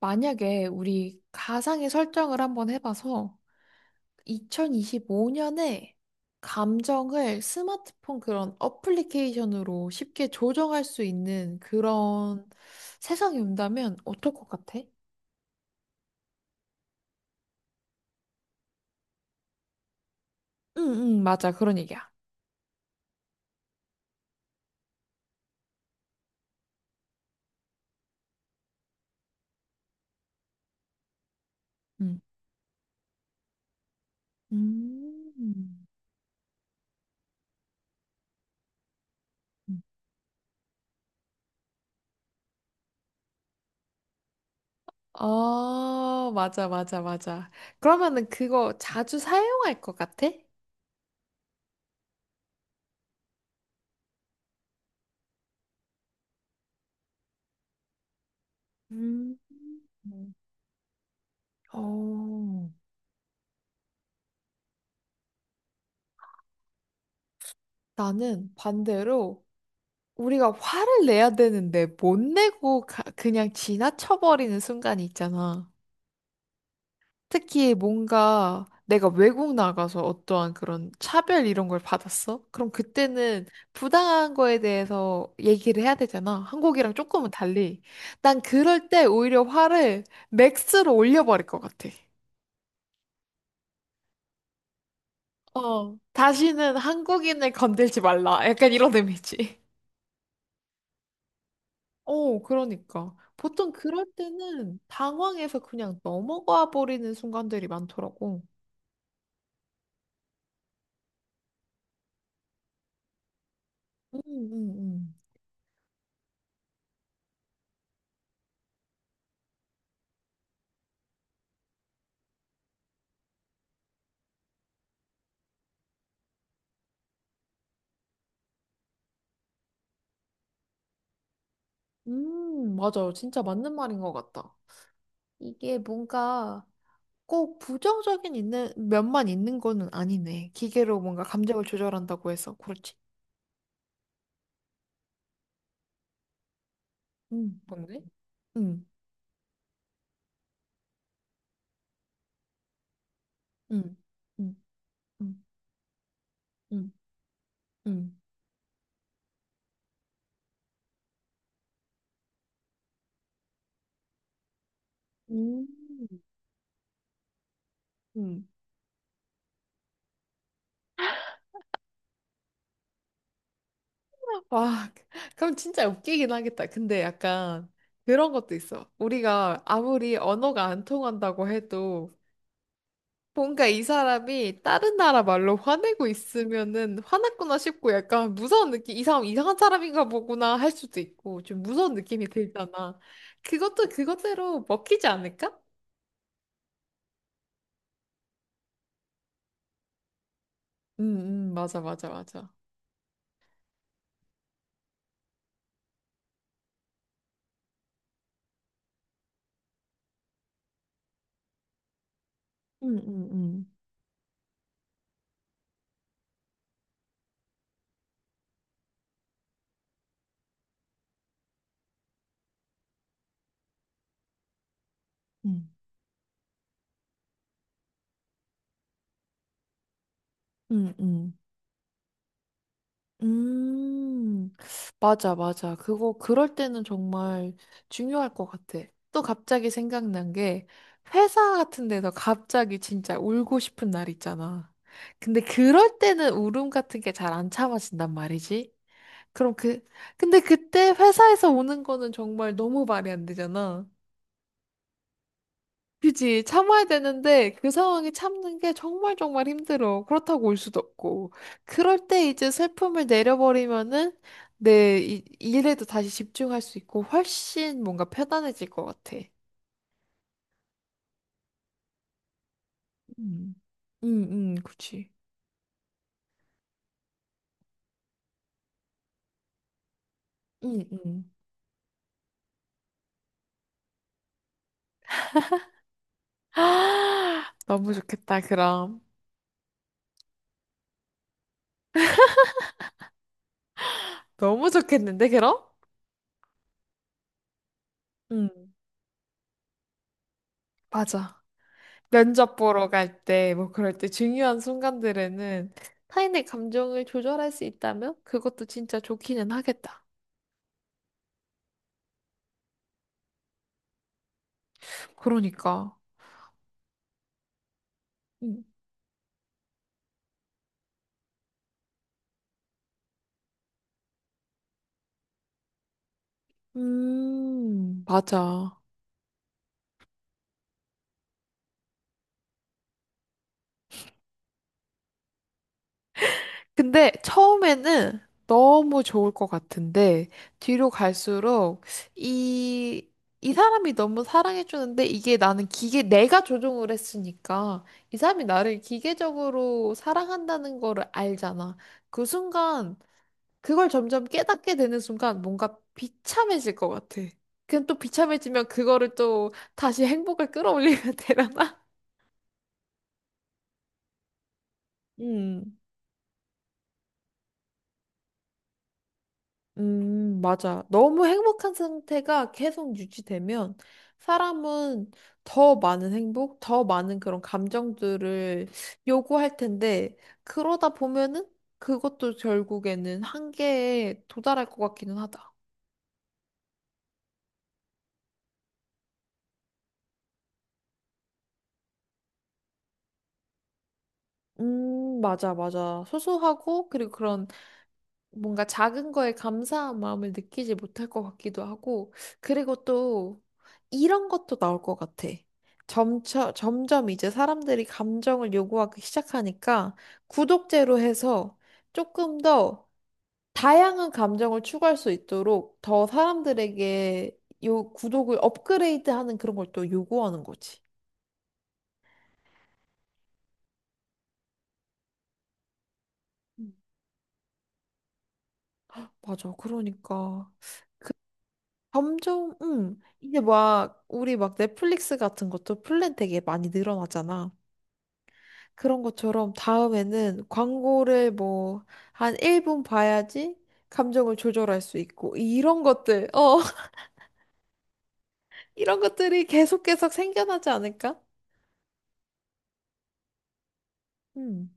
만약에 우리 가상의 설정을 한번 해봐서 2025년에 감정을 스마트폰 그런 어플리케이션으로 쉽게 조정할 수 있는 그런 세상이 온다면 어떨 것 같아? 응, 응, 맞아. 그런 얘기야. 응. 음. 아, 맞아, 맞아, 맞아. 그러면은 그거 자주 사용할 것 같아? 음. 음. 어, 나는 반대로 우리가 화를 내야 되는데 못 내고 그냥 지나쳐버리는 순간이 있잖아. 특히 뭔가 내가 외국 나가서 어떠한 그런 차별 이런 걸 받았어? 그럼 그때는 부당한 거에 대해서 얘기를 해야 되잖아. 한국이랑 조금은 달리. 난 그럴 때 오히려 화를 맥스로 올려버릴 것 같아. 어. 다시는 한국인을 건들지 말라. 약간 이런 의미지. 어, 그러니까. 보통 그럴 때는 당황해서 그냥 넘어가 버리는 순간들이 많더라고. 음, 음, 맞아요. 진짜 맞는 말인 것 같다. 이게 뭔가 꼭 부정적인 있는 면만 있는 거는 아니네. 기계로 뭔가 감정을 조절한다고 해서. 그렇지. 뭔데? 음, 음, 음, 음, 음, 음. 음, 음. 와, 그럼 진짜 웃기긴 하겠다. 근데 약간 그런 것도 있어. 우리가 아무리 언어가 안 통한다고 해도 뭔가 이 사람이 다른 나라 말로 화내고 있으면은 화났구나 싶고 약간 무서운 느낌, 이 사람 이상한 사람인가 보구나 할 수도 있고 좀 무서운 느낌이 들잖아. 그것도 그것대로 먹히지 않을까? 응, 응, 맞아, 맞아, 맞아. 응, 응, 응. 응, 응, 응. 음, 맞아, 맞아. 그럴 때는 정말 중요할 것 같아. 또 갑자기 생각난 게, 회사 같은 데서 갑자기 진짜 울고 싶은 날 있잖아. 근데 그럴 때는 울음 같은 게 잘 안 참아진단 말이지. 그럼 그, 근데 그때 회사에서 우는 거는 정말 너무 말이 안 되잖아. 그지. 참아야 되는데 그 상황에 참는 게 정말 정말 힘들어. 그렇다고 올 수도 없고. 그럴 때 이제 슬픔을 내려버리면은 내 일에도 다시 집중할 수 있고 훨씬 뭔가 편안해질 것 같아. 음. 응, 응, 그치. 응, 응. 너무 좋겠다, 그럼. 너무 좋겠는데, 그럼? 응, 맞아. 면접 보러 갈 때, 뭐 그럴 때 중요한 순간들에는 타인의 감정을 조절할 수 있다면 그것도 진짜 좋기는 하겠다. 그러니까. 음, 맞아. 근데 처음에는 너무 좋을 것 같은데, 뒤로 갈수록 이, 이 사람이 너무 사랑해주는데 이게 나는 기계, 내가 조종을 했으니까 이 사람이 나를 기계적으로 사랑한다는 거를 알잖아. 그 순간 그걸 점점 깨닫게 되는 순간 뭔가 비참해질 것 같아. 그럼 또 비참해지면 그거를 또 다시 행복을 끌어올리면 되려나? 음, 맞아. 너무 행복한 상태가 계속 유지되면 사람은 더 많은 행복, 더 많은 그런 감정들을 요구할 텐데, 그러다 보면은 그것도 결국에는 한계에 도달할 것 같기는 하다. 맞아, 맞아. 소소하고, 그리고 그런 뭔가 작은 거에 감사한 마음을 느끼지 못할 것 같기도 하고, 그리고 또 이런 것도 나올 것 같아. 점점 이제 사람들이 감정을 요구하기 시작하니까 구독제로 해서 조금 더 다양한 감정을 추구할 수 있도록 더 사람들에게 요 구독을 업그레이드하는 그런 걸 또 요구하는 거지. 음. 맞아. 그러니까. 점점, 응. 이제 막, 우리 막 넷플릭스 같은 것도 플랜 되게 많이 늘어나잖아. 그런 것처럼 다음에는 광고를 뭐, 한 1분 봐야지 감정을 조절할 수 있고, 이런 것들, 어, 이런 것들이 계속 계속 생겨나지 않을까? 응.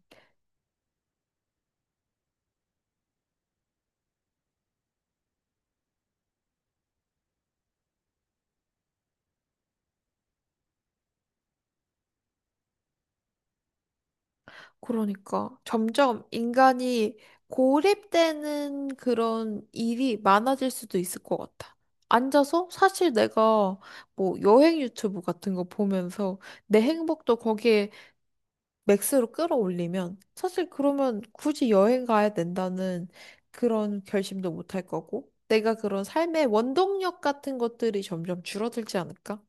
그러니까 점점 인간이 고립되는 그런 일이 많아질 수도 있을 것 같아. 앉아서 사실 내가 뭐 여행 유튜브 같은 거 보면서 내 행복도 거기에 맥스로 끌어올리면 사실 그러면 굳이 여행 가야 된다는 그런 결심도 못할 거고 내가 그런 삶의 원동력 같은 것들이 점점 줄어들지 않을까?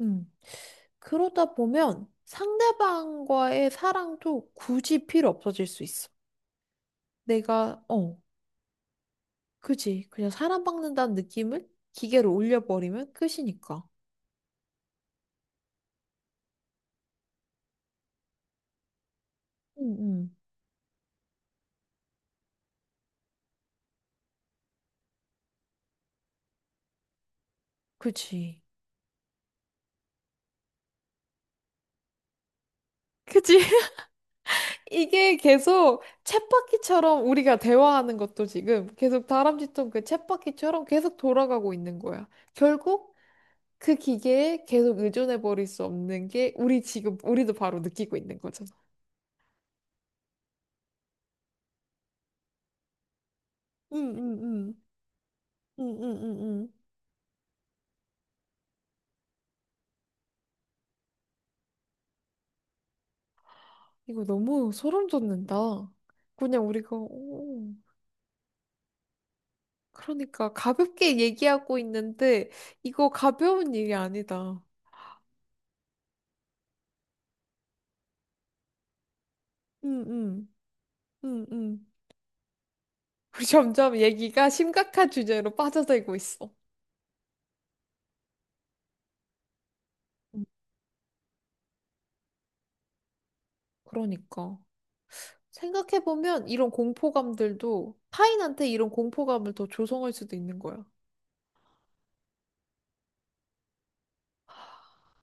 음. 그러다 보면 상대방과의 사랑도 굳이 필요 없어질 수 있어. 내가, 어, 그지. 그냥 사랑받는다는 느낌을 기계로 올려버리면 끝이니까. 응, 응. 그지. 그치? 이게 계속 쳇바퀴처럼 우리가 대화하는 것도 지금 계속 다람쥐통 그 쳇바퀴처럼 계속 돌아가고 있는 거야. 결국 그 기계에 계속 의존해 버릴 수 없는 게 우리 지금 우리도 바로 느끼고 있는 거잖아. 응, 응, 응. 응응응응. 이거 너무 소름 돋는다. 그냥 우리가 오, 그러니까 가볍게 얘기하고 있는데 이거 가벼운 일이 아니다. 응응 응응. 우리 점점 얘기가 심각한 주제로 빠져들고 있어. 음, 그러니까 생각해보면 이런 공포감들도 타인한테 이런 공포감을 더 조성할 수도 있는 거야.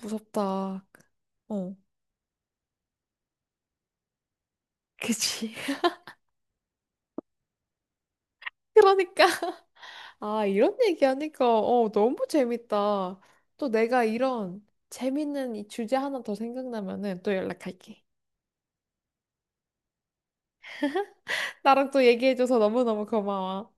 무섭다. 어, 그치. 그러니까. 아, 이런 얘기하니까, 어, 너무 재밌다. 또 내가 이런 재밌는 이 주제 하나 더 생각나면은 또 연락할게. 나랑 또 얘기해줘서 너무너무 고마워.